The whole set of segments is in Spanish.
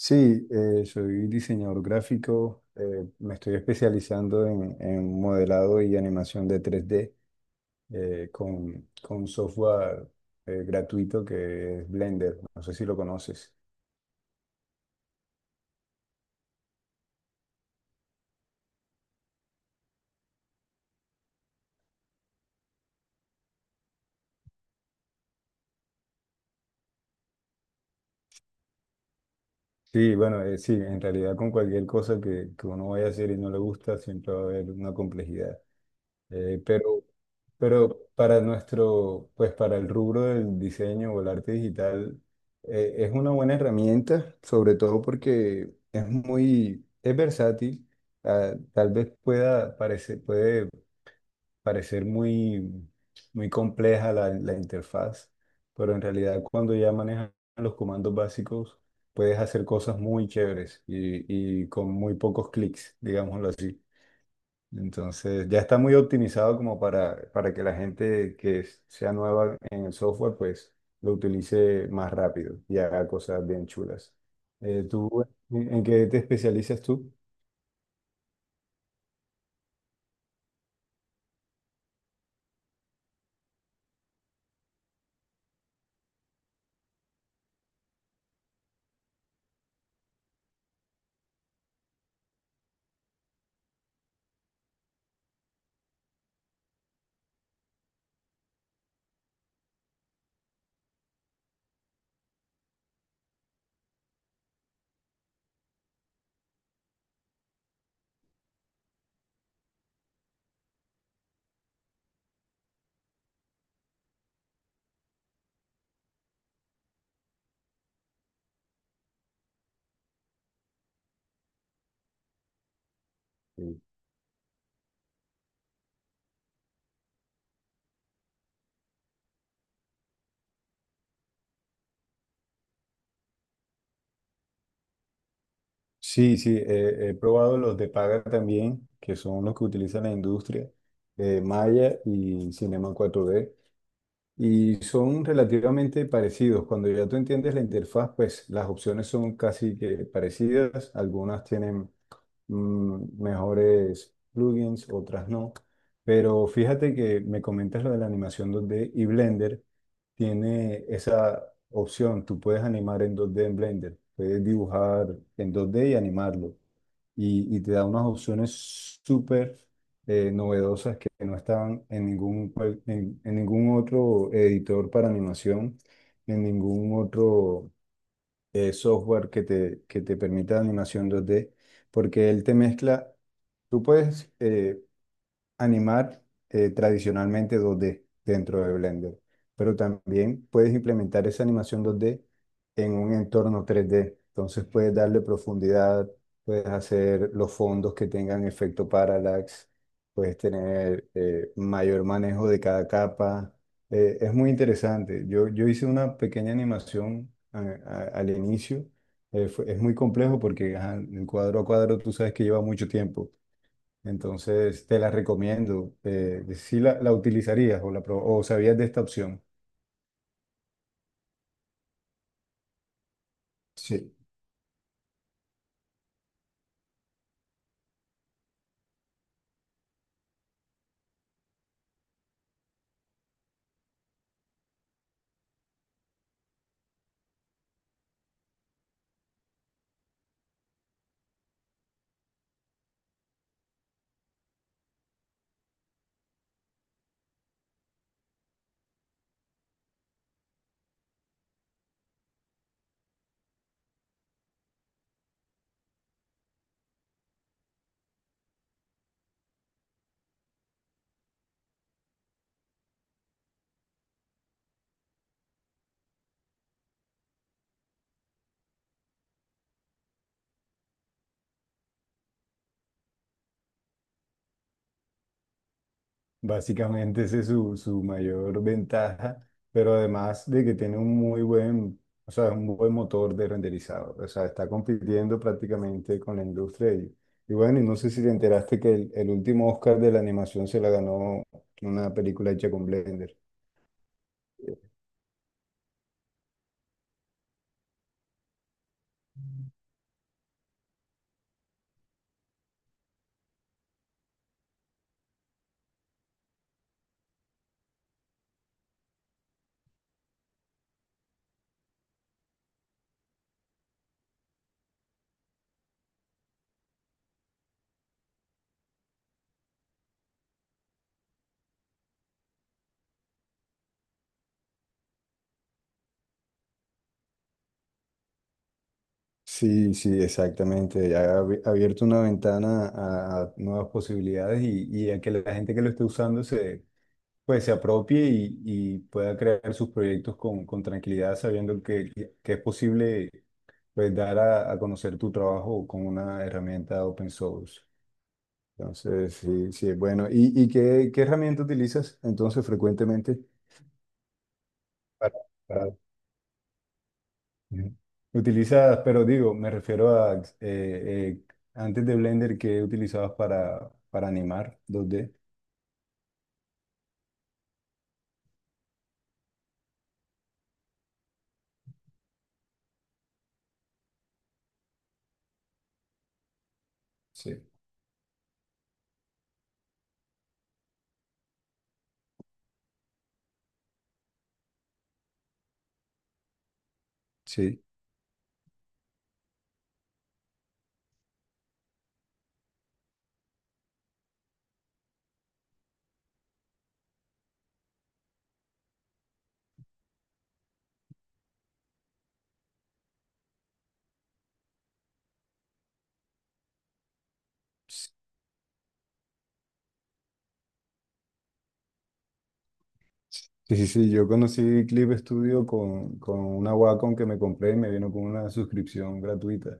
Sí, soy diseñador gráfico, me estoy especializando en modelado y animación de 3D con software gratuito que es Blender, no sé si lo conoces. Sí, bueno, sí, en realidad con cualquier cosa que uno vaya a hacer y no le gusta, siempre va a haber una complejidad. Eh, pero, pero para nuestro, pues para el rubro del diseño o el arte digital, es una buena herramienta, sobre todo porque es muy, es versátil. Ah, tal vez puede parecer muy, muy compleja la interfaz, pero en realidad cuando ya manejas los comandos básicos puedes hacer cosas muy chéveres y con muy pocos clics, digámoslo así. Entonces ya está muy optimizado como para que la gente que sea nueva en el software pues lo utilice más rápido y haga cosas bien chulas. ¿Tú en qué te especializas tú? Sí, sí, he probado los de paga también, que son los que utiliza la industria, Maya y Cinema 4D y son relativamente parecidos. Cuando ya tú entiendes la interfaz, pues las opciones son casi que parecidas. Algunas tienen mejores plugins, otras no. Pero fíjate que me comentas lo de la animación 2D y Blender tiene esa opción. Tú puedes animar en 2D en Blender, puedes dibujar en 2D y animarlo y te da unas opciones súper novedosas que no estaban en ningún otro editor para animación, en ningún otro software que te permita animación 2D, porque él te mezcla, tú puedes animar tradicionalmente 2D dentro de Blender, pero también puedes implementar esa animación 2D en un entorno 3D. Entonces puedes darle profundidad, puedes hacer los fondos que tengan efecto parallax, puedes tener mayor manejo de cada capa. Es muy interesante. Yo hice una pequeña animación al inicio. Es muy complejo porque ajá, el cuadro a cuadro tú sabes que lleva mucho tiempo, entonces te la recomiendo. Si la utilizarías o sabías de esta opción. Sí. Básicamente esa es su mayor ventaja, pero además de que tiene o sea, un buen motor de renderizado. O sea, está compitiendo prácticamente con la industria. Y bueno, y no sé si te enteraste que el último Oscar de la animación se la ganó una película hecha con Blender. Sí, sí, exactamente. Ha abierto una ventana a nuevas posibilidades y a que la gente que lo esté usando pues, se apropie y pueda crear sus proyectos con tranquilidad, sabiendo que es posible, pues, dar a conocer tu trabajo con una herramienta open source. Entonces, sí, sí, es bueno. ¿Y qué herramienta utilizas entonces frecuentemente? Para para Ujú. Utilizas, pero digo, me refiero a antes de Blender que utilizabas para animar 2D. Sí. Sí. Sí, sí, sí. Yo conocí Clip Studio con una Wacom que me compré y me vino con una suscripción gratuita.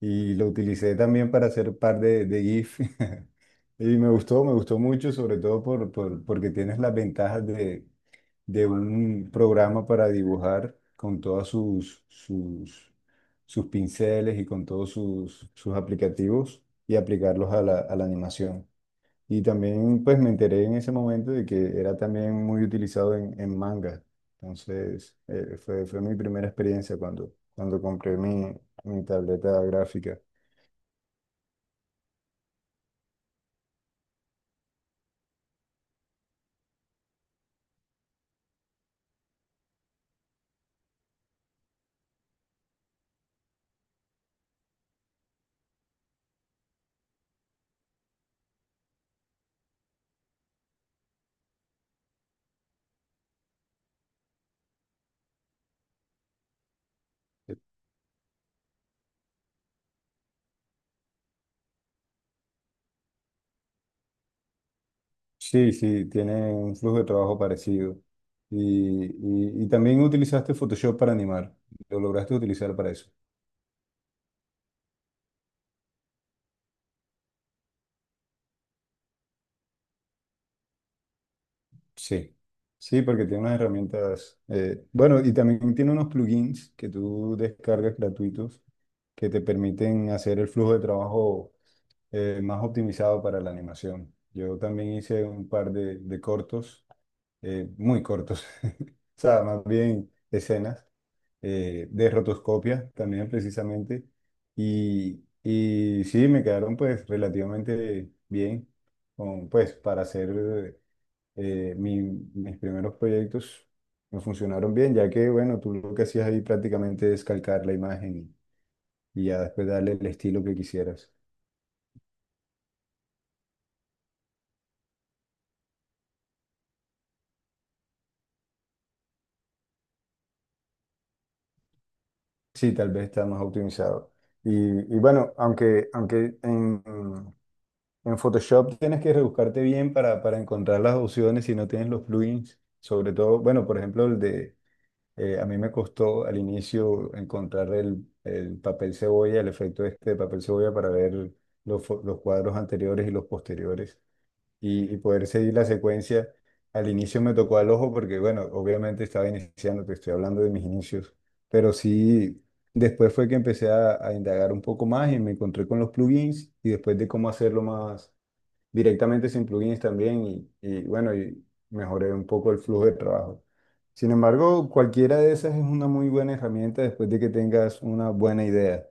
Y lo utilicé también para hacer par de GIF. Y me gustó mucho, sobre todo porque tienes las ventajas de un programa para dibujar con todas sus pinceles y con todos sus aplicativos y aplicarlos a la animación. Y también pues me enteré en ese momento de que era también muy utilizado en manga. Entonces fue mi primera experiencia cuando compré mi tableta gráfica. Sí, sí, tiene un flujo de trabajo parecido. Y también utilizaste Photoshop para animar. Lo lograste utilizar para eso. Sí, sí, porque tiene unas herramientas. Bueno, y también tiene unos plugins que tú descargas gratuitos que te permiten hacer el flujo de trabajo más optimizado para la animación. Yo también hice un par de cortos, muy cortos, o sea, más bien escenas de rotoscopia también precisamente. Y sí, me quedaron pues relativamente bien, pues para hacer eh, mi- mis primeros proyectos me funcionaron bien, ya que, bueno, tú lo que hacías ahí prácticamente es calcar la imagen y ya después darle el estilo que quisieras. Sí, tal vez está más optimizado. Y, y bueno, aunque en Photoshop tienes que rebuscarte bien para encontrar las opciones si no tienes los plugins, sobre todo, bueno, por ejemplo, el de. A mí me costó al inicio encontrar el papel cebolla, el efecto este de este papel cebolla para ver los cuadros anteriores y los posteriores y poder seguir la secuencia. Al inicio me tocó al ojo porque, bueno, obviamente estaba iniciando, te estoy hablando de mis inicios, pero sí, después fue que empecé a indagar un poco más y me encontré con los plugins y después de cómo hacerlo más directamente sin plugins también bueno, y mejoré un poco el flujo de trabajo. Sin embargo, cualquiera de esas es una muy buena herramienta después de que tengas una buena idea.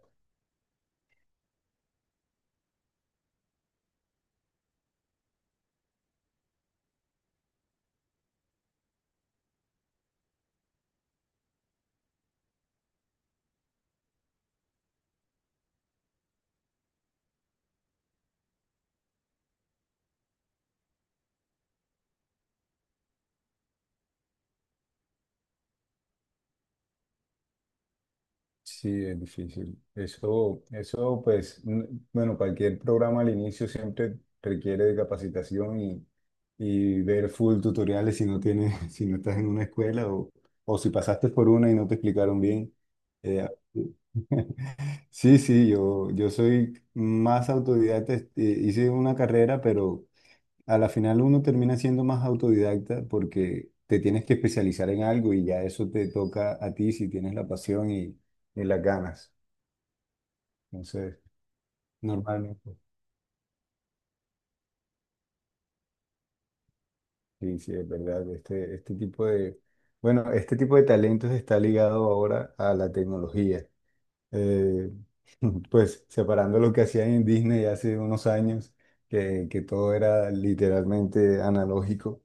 Sí, es difícil. Eso, pues, bueno, cualquier programa al inicio siempre requiere de capacitación y ver full tutoriales si no tienes, si no estás en una escuela o si pasaste por una y no te explicaron bien. Eh, Sí, sí, yo soy más autodidacta, este, hice una carrera, pero a la final uno termina siendo más autodidacta porque te tienes que especializar en algo y ya eso te toca a ti si tienes la pasión y las ganas. Entonces, normalmente, sí, sí, es verdad, bueno, este tipo de talentos está ligado ahora a la tecnología. eh, pues separando lo que hacían en Disney hace unos años, que todo era literalmente analógico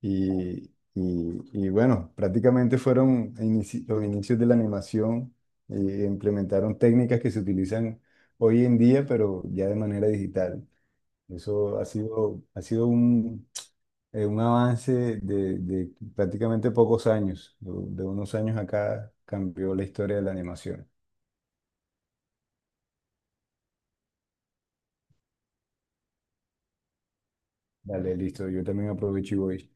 y bueno, prácticamente los inicios de la animación y implementaron técnicas que se utilizan hoy en día, pero ya de manera digital. Eso ha sido un avance de prácticamente pocos años. De unos años acá cambió la historia de la animación. Dale, listo. Yo también aprovecho y voy.